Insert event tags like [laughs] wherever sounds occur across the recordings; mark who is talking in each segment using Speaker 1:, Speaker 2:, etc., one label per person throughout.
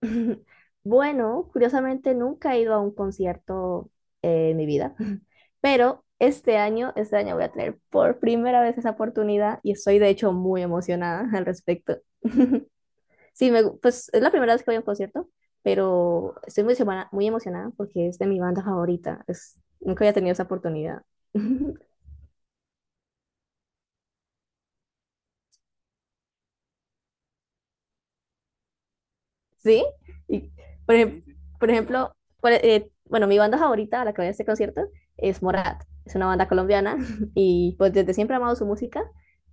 Speaker 1: [laughs] Bueno, curiosamente nunca he ido a un concierto en mi vida, [laughs] pero este año voy a tener por primera vez esa oportunidad y estoy de hecho muy emocionada al respecto. [laughs] Sí, pues es la primera vez que voy a un concierto, pero estoy muy emocionada porque es de mi banda favorita. Es, nunca había tenido esa oportunidad. [laughs] ¿Sí? Y, Sí, sí. Por ejemplo, bueno, mi banda favorita a la que voy a este concierto es Morat. Es una banda colombiana [laughs] y pues desde siempre he amado su música,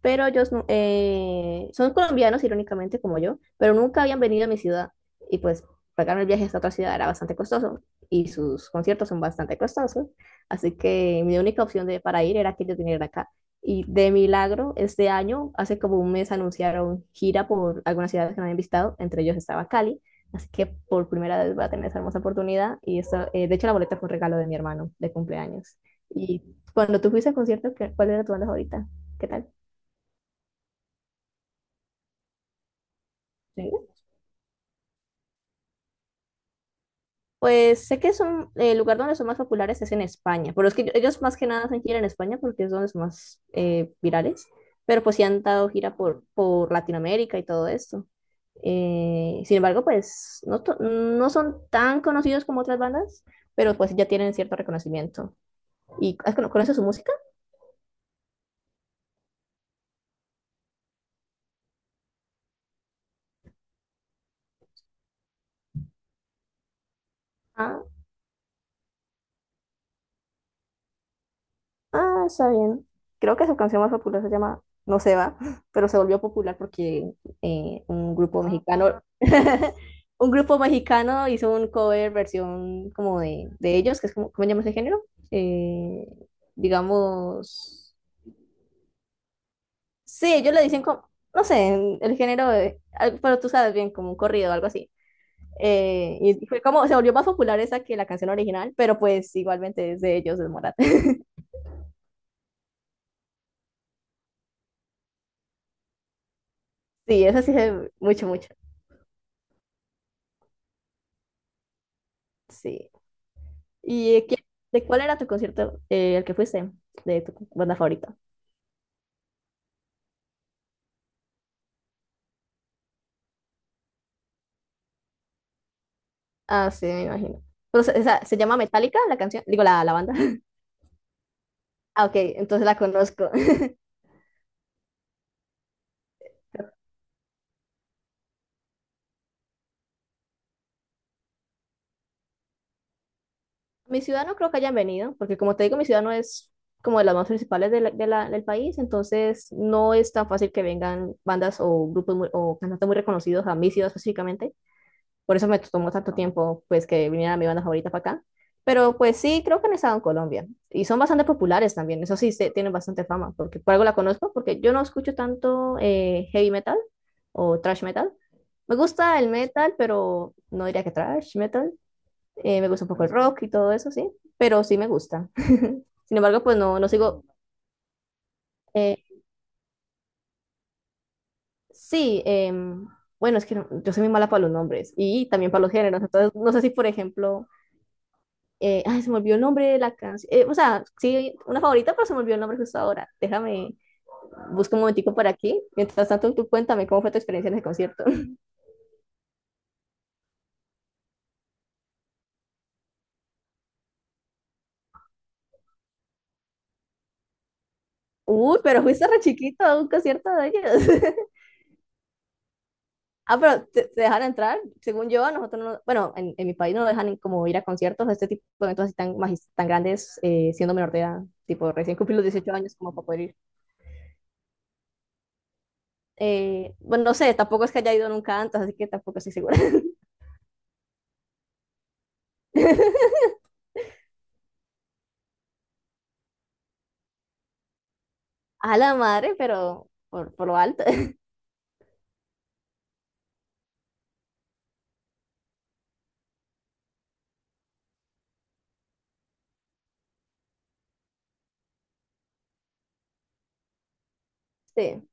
Speaker 1: pero ellos son colombianos, irónicamente, como yo, pero nunca habían venido a mi ciudad y pues pagar el viaje hasta otra ciudad era bastante costoso y sus conciertos son bastante costosos, así que mi única opción para ir era que ellos vinieran acá. Y de milagro, este año, hace como un mes, anunciaron gira por algunas ciudades que no habían visitado, entre ellos estaba Cali. Así que por primera vez voy a tener esa hermosa oportunidad. Y eso, de hecho, la boleta fue un regalo de mi hermano de cumpleaños. Y cuando tú fuiste al concierto, ¿cuál era tu banda favorita? ¿Qué tal? Sí. Pues sé que son, el lugar donde son más populares es en España, pero es que ellos más que nada hacen gira en España porque es donde son más virales, pero pues sí han dado gira por Latinoamérica y todo esto. Sin embargo, pues no, no son tan conocidos como otras bandas, pero pues ya tienen cierto reconocimiento. ¿Y conoces su música? Ah, está bien. Creo que su canción más popular se llama No se va, [laughs] pero se volvió popular porque un grupo Ah, mexicano, [laughs] un grupo mexicano hizo un cover versión como de ellos, que es como, ¿cómo se llama ese género? Eh, digamos, sí, ellos le dicen como, no sé, el género, pero tú sabes bien, como un corrido o algo así. Y fue como, se volvió más popular esa que la canción original, pero pues igualmente es de ellos, es Morat. [laughs] Sí, esa sí es mucho, mucho. Sí. ¿Y de cuál era tu concierto al que fuiste de tu banda favorita? Ah, sí, me imagino. Pues, esa, ¿se llama Metallica la canción? Digo, la banda. [laughs] Ah, ok, entonces la conozco. [laughs] Mi ciudad no creo que hayan venido, porque como te digo, mi ciudad no es como de las más principales del país, entonces no es tan fácil que vengan bandas o o cantantes muy reconocidos a mi ciudad específicamente. Por eso me tomó tanto tiempo, pues, que viniera mi banda favorita para acá. Pero pues sí, creo que han estado en Colombia. Y son bastante populares también. Eso sí, tienen bastante fama. Porque por algo la conozco, porque yo no escucho tanto heavy metal o thrash metal. Me gusta el metal, pero no diría que thrash metal. Me gusta un poco el rock y todo eso, sí. Pero sí me gusta. [laughs] Sin embargo, pues no, no sigo. eh, sí, bueno, es que yo soy muy mala para los nombres y también para los géneros. Entonces, no sé si, por ejemplo, ay, se me olvidó el nombre de la canción. O sea, sí, una favorita, pero se me olvidó el nombre justo ahora. Déjame, busco un momentico por aquí. Mientras tanto, tú cuéntame cómo fue tu experiencia en ese concierto. [laughs] Uy, pero fuiste re chiquito a un concierto de ellos. [laughs] ah, pero te dejan entrar. Según yo, a nosotros no, bueno, en mi país no dejan como ir a conciertos, a este tipo de eventos así tan, tan grandes, siendo menor de edad. Tipo, recién cumplí los 18 años como para poder ir. Bueno, no sé, tampoco es que haya ido nunca antes, así que tampoco estoy segura. [laughs] a la madre, pero por lo alto. Sí,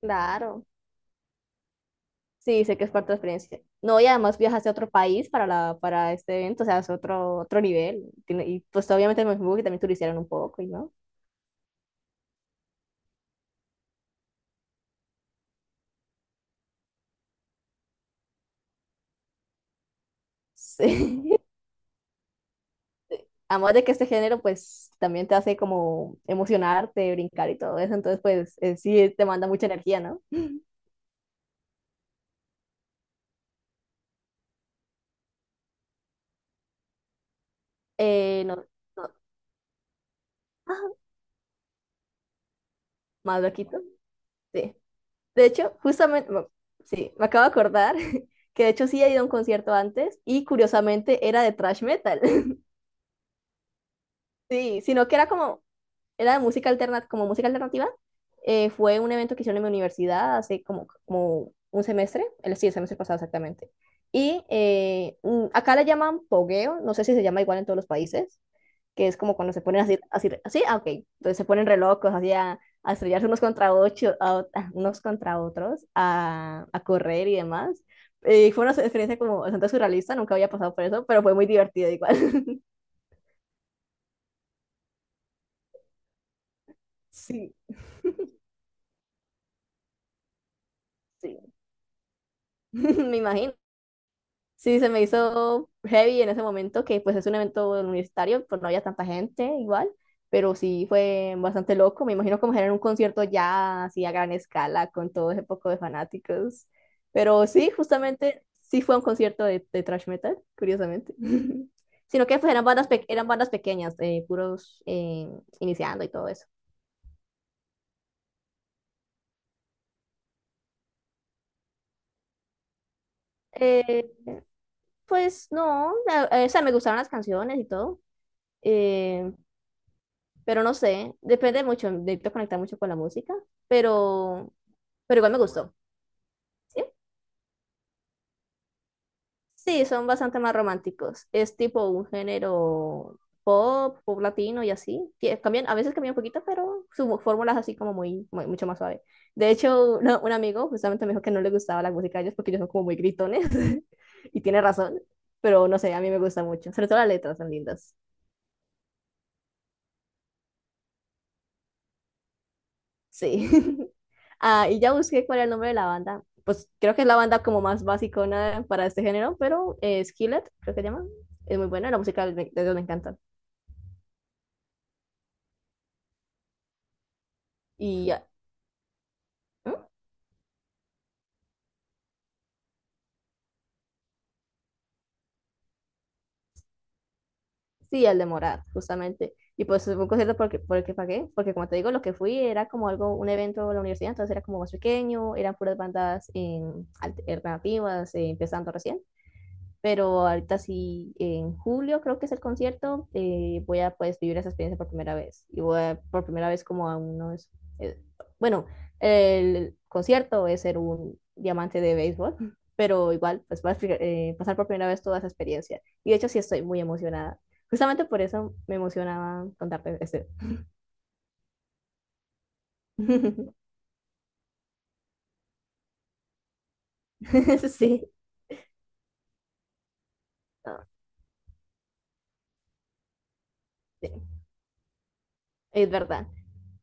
Speaker 1: claro. Sí, sé que es parte de la experiencia. No, y además viajaste a otro país para este evento, o sea, es otro, otro nivel. Y pues obviamente me supongo que también turistearon un poco, ¿y no? Sí. [laughs] Además de que este género, pues también te hace como emocionarte, brincar y todo eso, entonces, pues sí, te manda mucha energía, ¿no? [laughs] No, no. Ah, más loquito. Sí. De hecho, justamente, bueno, sí, me acabo de acordar [laughs] que de hecho sí he ido a un concierto antes y curiosamente era de thrash metal. [laughs] Sí, sino que era como, era de música alternativa, como música alternativa. Fue un evento que hicieron en mi universidad hace como un semestre, el, sí, el semestre pasado exactamente. Y acá le llaman pogueo, no sé si se llama igual en todos los países, que es como cuando se ponen así, así, así, ah, ok, entonces se ponen re locos, así a estrellarse unos contra, ocho, [laughs] unos contra otros, a correr y demás. Fue una experiencia como bastante surrealista, nunca había pasado por eso, pero fue muy divertido igual. [laughs] Sí, sí, [laughs] me imagino. Sí, se me hizo heavy en ese momento, que pues es un evento universitario, pues no había tanta gente igual, pero sí fue bastante loco. Me imagino como era un concierto ya así a gran escala con todo ese poco de fanáticos. Pero sí, justamente sí fue un concierto de thrash metal, curiosamente. [laughs] Sino que pues eran bandas, eran bandas pequeñas, puros iniciando y todo eso. Eh, pues no, o sea, me gustaron las canciones y todo. Eh, Pero no sé, depende mucho, necesito conectar mucho con la música, pero, igual me gustó, ¿sí? Sí, son bastante más románticos. Es tipo un género pop, pop latino y así. Que cambian, a veces cambian un poquito, pero su fórmula es así como mucho más suave. De hecho, un amigo justamente me dijo que no le gustaba la música de ellos porque ellos son como muy gritones. [laughs] Y tiene razón, pero no sé, a mí me gusta mucho. Sobre todo las letras son lindas. Sí. [laughs] Ah, y ya busqué cuál era el nombre de la banda. Pues creo que es la banda como más basicona para este género, pero Skillet, creo que se llama. Es muy buena, la música de ellos me encanta. Y ya- ¿Mm? Sí, el de Morat, justamente. Y pues fue un concierto porque, por el que pagué, porque como te digo, lo que fui era como algo, un evento de la universidad, entonces era como más pequeño, eran puras bandas alternativas, empezando recién. Pero ahorita sí, en julio creo que es el concierto, voy a pues vivir esa experiencia por primera vez y por primera vez como a unos, eh, bueno, el concierto es ser un diamante de béisbol, pero igual pues voy a pasar por primera vez toda esa experiencia y de hecho sí estoy muy emocionada. Justamente por eso me emocionaba contarte este. [laughs] Sí, ah, sí, es verdad.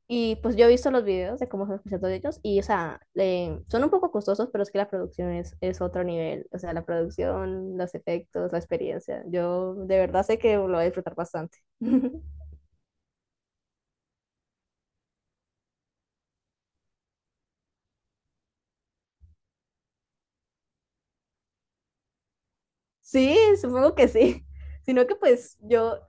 Speaker 1: Y pues yo he visto los videos de cómo son los conciertos de ellos y, o sea, son un poco costosos, pero es que la producción es otro nivel. O sea, la producción, los efectos, la experiencia. Yo de verdad sé que lo voy a disfrutar bastante. [laughs] Sí, supongo que sí. [laughs] Sino que pues yo,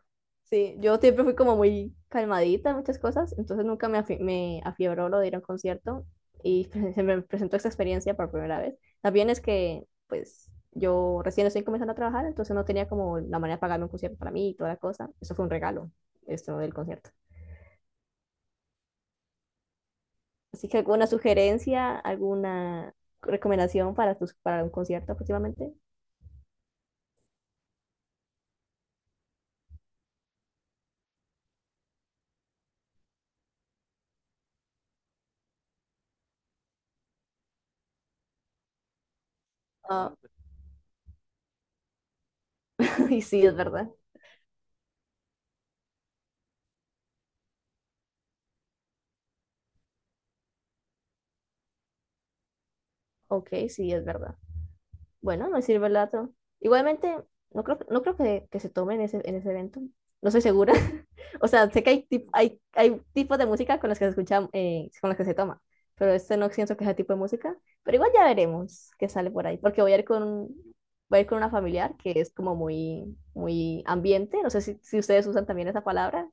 Speaker 1: sí, yo siempre fui como muy calmadita en muchas cosas, entonces nunca me, me afiebró lo de ir a un concierto y [laughs] se me presentó esa experiencia por primera vez. También es que pues yo recién estoy comenzando a trabajar, entonces no tenía como la manera de pagarme un concierto para mí y toda la cosa. Eso fue un regalo, esto del concierto. Así que alguna sugerencia, alguna recomendación para un concierto próximamente. Ah, [laughs] y sí, es verdad. Ok, sí, es verdad. Bueno, no sirve el dato. Igualmente, no creo que, se tome en ese, evento. No estoy segura. [laughs] O sea, sé que hay hay tipos de música con los que se escucha, con los que se toma, pero este no siento que sea tipo de música. Pero igual ya veremos qué sale por ahí, porque voy a ir con una familiar que es como muy ambiente. No sé si, ustedes usan también esa palabra.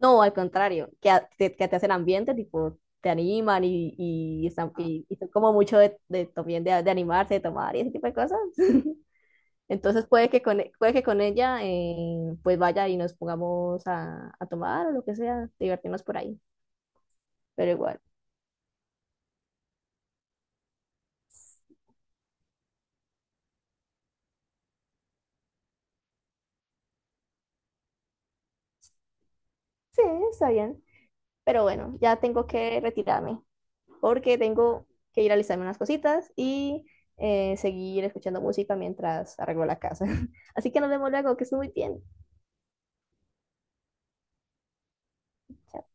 Speaker 1: No, al contrario, que, que, te hacen ambiente, tipo, te animan y, y son como mucho de, también de, animarse, de tomar y ese tipo de cosas. [laughs] Entonces puede que con, puede que con ella pues vaya y nos pongamos a tomar o lo que sea, divertirnos por ahí. Pero igual, sí, está bien. Pero bueno, ya tengo que retirarme porque tengo que ir a alistarme unas cositas y seguir escuchando música mientras arreglo la casa. [laughs] Así que nos vemos luego, que estés muy bien. Chao.